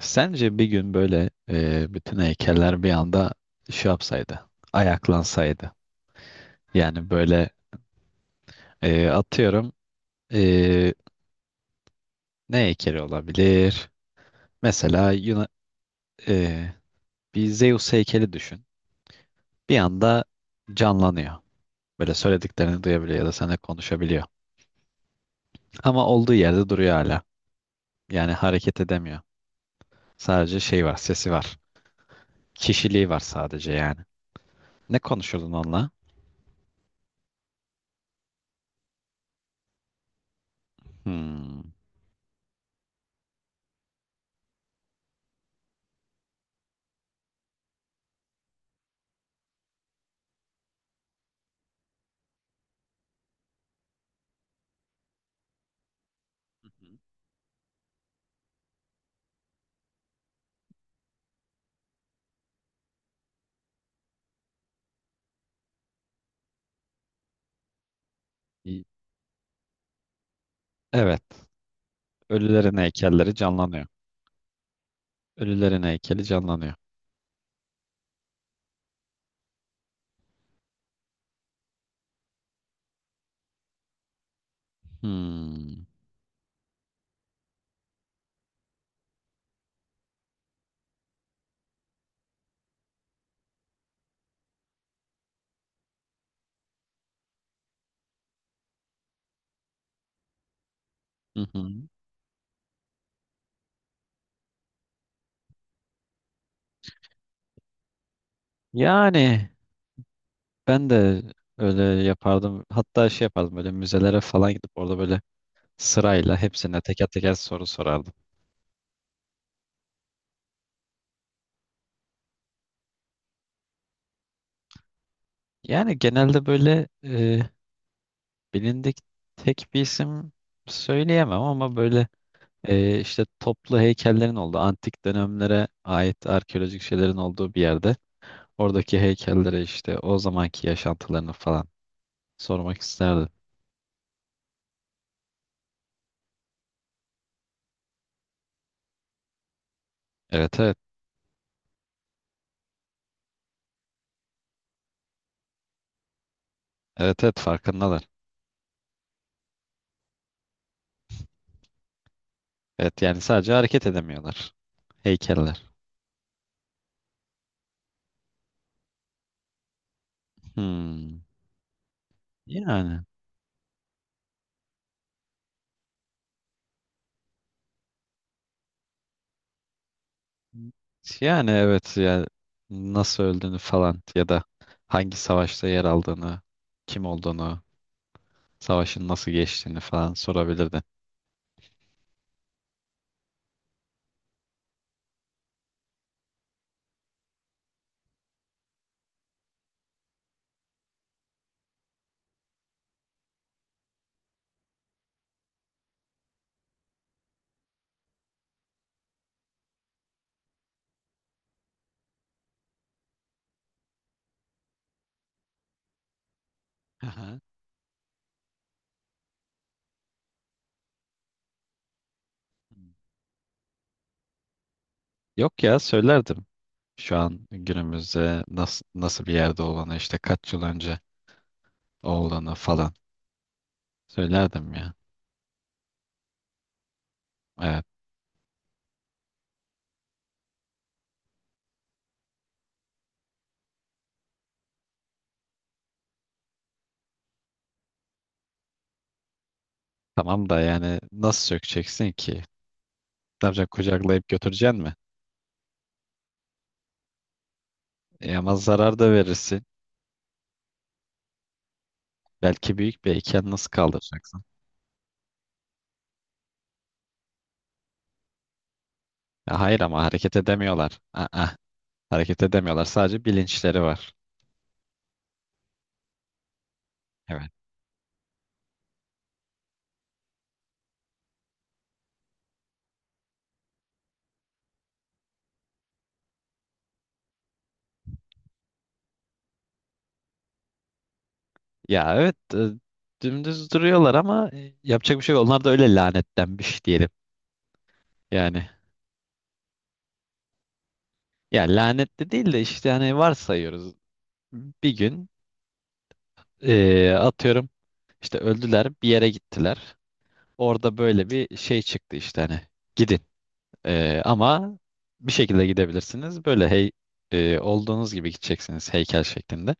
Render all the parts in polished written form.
Sence bir gün böyle bütün heykeller bir anda şey yapsaydı, ayaklansaydı. Yani böyle atıyorum e, ne heykeli olabilir? Mesela Yuna, e, bir Zeus heykeli düşün. Bir anda canlanıyor. Böyle söylediklerini duyabiliyor ya da seninle konuşabiliyor. Ama olduğu yerde duruyor hala. Yani hareket edemiyor. Sadece şey var, sesi var. Kişiliği var sadece yani. Ne konuşurdun onunla? Hmm. İyi. Evet. Ölülerin heykelleri canlanıyor. Ölülerin heykeli canlanıyor. Hmm. Hı hı. Yani ben de öyle yapardım. Hatta şey yapardım böyle müzelere falan gidip orada böyle sırayla hepsine teker teker soru sorardım. Yani genelde böyle bilindik tek bir isim söyleyemem ama böyle işte toplu heykellerin olduğu antik dönemlere ait arkeolojik şeylerin olduğu bir yerde oradaki heykellere işte o zamanki yaşantılarını falan sormak isterdim. Evet, evet. Evet, evet, farkındalar. Evet, yani sadece hareket edemiyorlar. Heykeller. Hmm. Yani. Yani evet ya, nasıl öldüğünü falan ya da hangi savaşta yer aldığını, kim olduğunu, savaşın nasıl geçtiğini falan sorabilirdin. Aha. Yok ya, söylerdim. Şu an günümüzde nasıl bir yerde olduğunu işte kaç yıl önce olduğunu falan söylerdim ya. Evet. Tamam da yani nasıl sökeceksin ki? Ne yapacaksın? Kucaklayıp götüreceksin mi? E ama zarar da verirsin. Belki büyük bir iken nasıl kaldıracaksın? Ya hayır, ama hareket edemiyorlar. Aa, hareket edemiyorlar. Sadece bilinçleri var. Evet. Ya evet dümdüz duruyorlar ama yapacak bir şey yok. Onlar da öyle lanetlenmiş diyelim. Yani ya lanetli değil de işte hani varsayıyoruz. Bir gün atıyorum işte öldüler, bir yere gittiler. Orada böyle bir şey çıktı işte hani gidin. Ama bir şekilde gidebilirsiniz. Böyle hey olduğunuz gibi gideceksiniz, heykel şeklinde.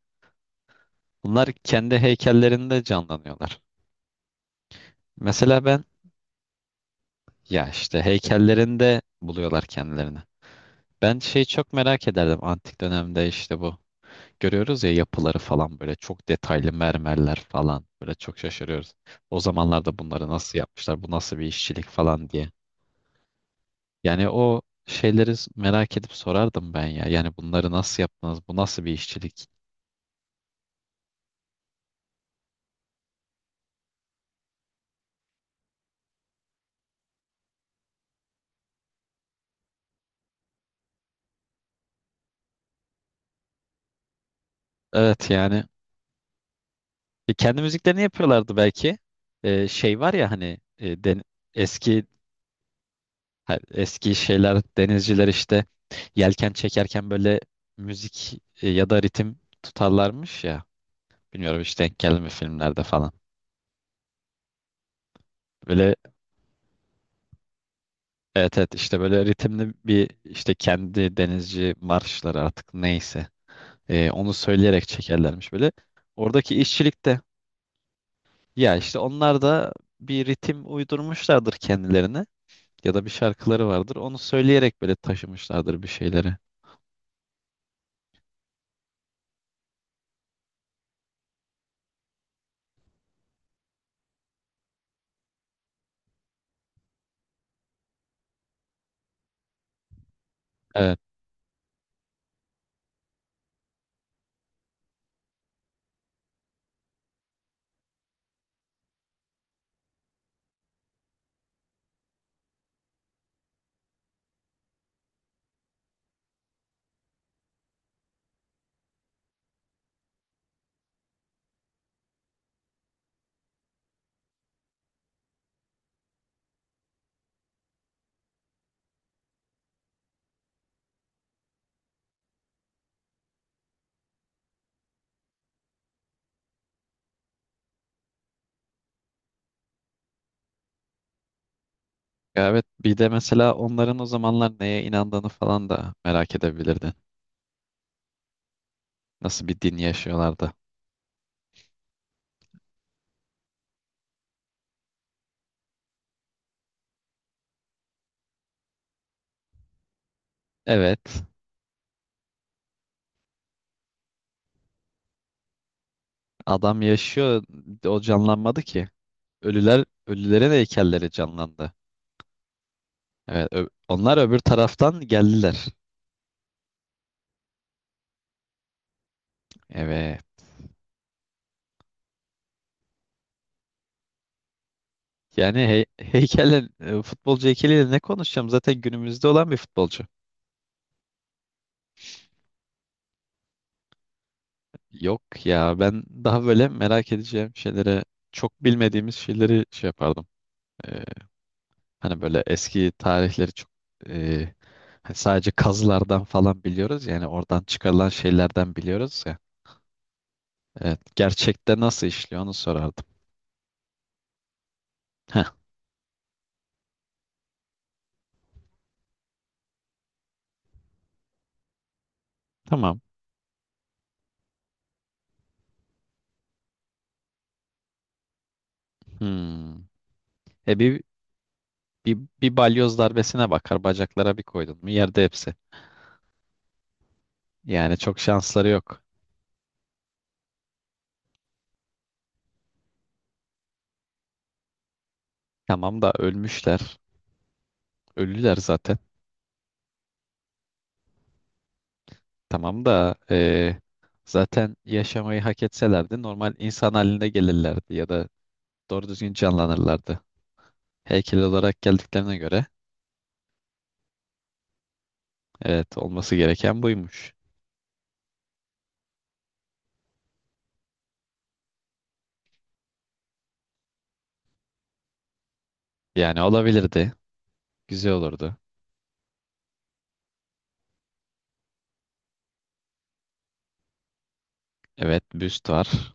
Bunlar kendi heykellerinde canlanıyorlar. Mesela ben, ya işte heykellerinde buluyorlar kendilerini. Ben şeyi çok merak ederdim antik dönemde işte bu. Görüyoruz ya, yapıları falan böyle çok detaylı mermerler falan, böyle çok şaşırıyoruz. O zamanlarda bunları nasıl yapmışlar, bu nasıl bir işçilik falan diye. Yani o şeyleri merak edip sorardım ben ya. Yani bunları nasıl yaptınız, bu nasıl bir işçilik? Evet, yani kendi müziklerini yapıyorlardı belki. Şey var ya, hani eski, ha, eski şeyler, denizciler işte yelken çekerken böyle müzik ya da ritim tutarlarmış ya. Bilmiyorum, işte denk geldi mi filmlerde falan. Böyle, evet, evet, işte böyle ritimli bir işte kendi denizci marşları artık neyse, onu söyleyerek çekerlermiş böyle. Oradaki işçilik de, ya işte onlar da bir ritim uydurmuşlardır kendilerine, ya da bir şarkıları vardır. Onu söyleyerek böyle taşımışlardır bir şeyleri. Evet. Ya evet. Bir de mesela onların o zamanlar neye inandığını falan da merak edebilirdin. Nasıl bir din yaşıyorlardı. Evet. Adam yaşıyor. O canlanmadı ki. Ölüler, ölülerin heykelleri canlandı. Evet. Onlar öbür taraftan geldiler. Evet. Yani hey, heykelle, futbolcu heykeliyle ne konuşacağım? Zaten günümüzde olan bir futbolcu. Yok ya, ben daha böyle merak edeceğim şeylere, çok bilmediğimiz şeyleri şey yapardım. Ee, hani böyle eski tarihleri çok e, hani sadece kazılardan falan biliyoruz ya, yani oradan çıkarılan şeylerden biliyoruz ya. Evet, gerçekte nasıl işliyor onu sorardım. Heh, tamam. Hmm. E bir, bir balyoz darbesine bakar, bacaklara bir koydun mu yerde hepsi. Yani çok şansları yok. Tamam da ölmüşler. Ölüler zaten. Tamam da zaten yaşamayı hak etselerdi normal insan haline gelirlerdi ya da doğru düzgün canlanırlardı. Heykel olarak geldiklerine göre evet, olması gereken buymuş. Yani olabilirdi. Güzel olurdu. Evet, büst var.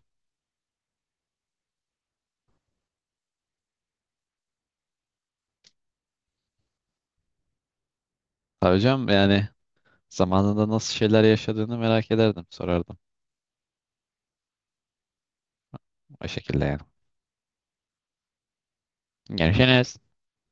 Ha hocam, yani zamanında nasıl şeyler yaşadığını merak ederdim. Sorardım. O şekilde yani. Görüşürüz.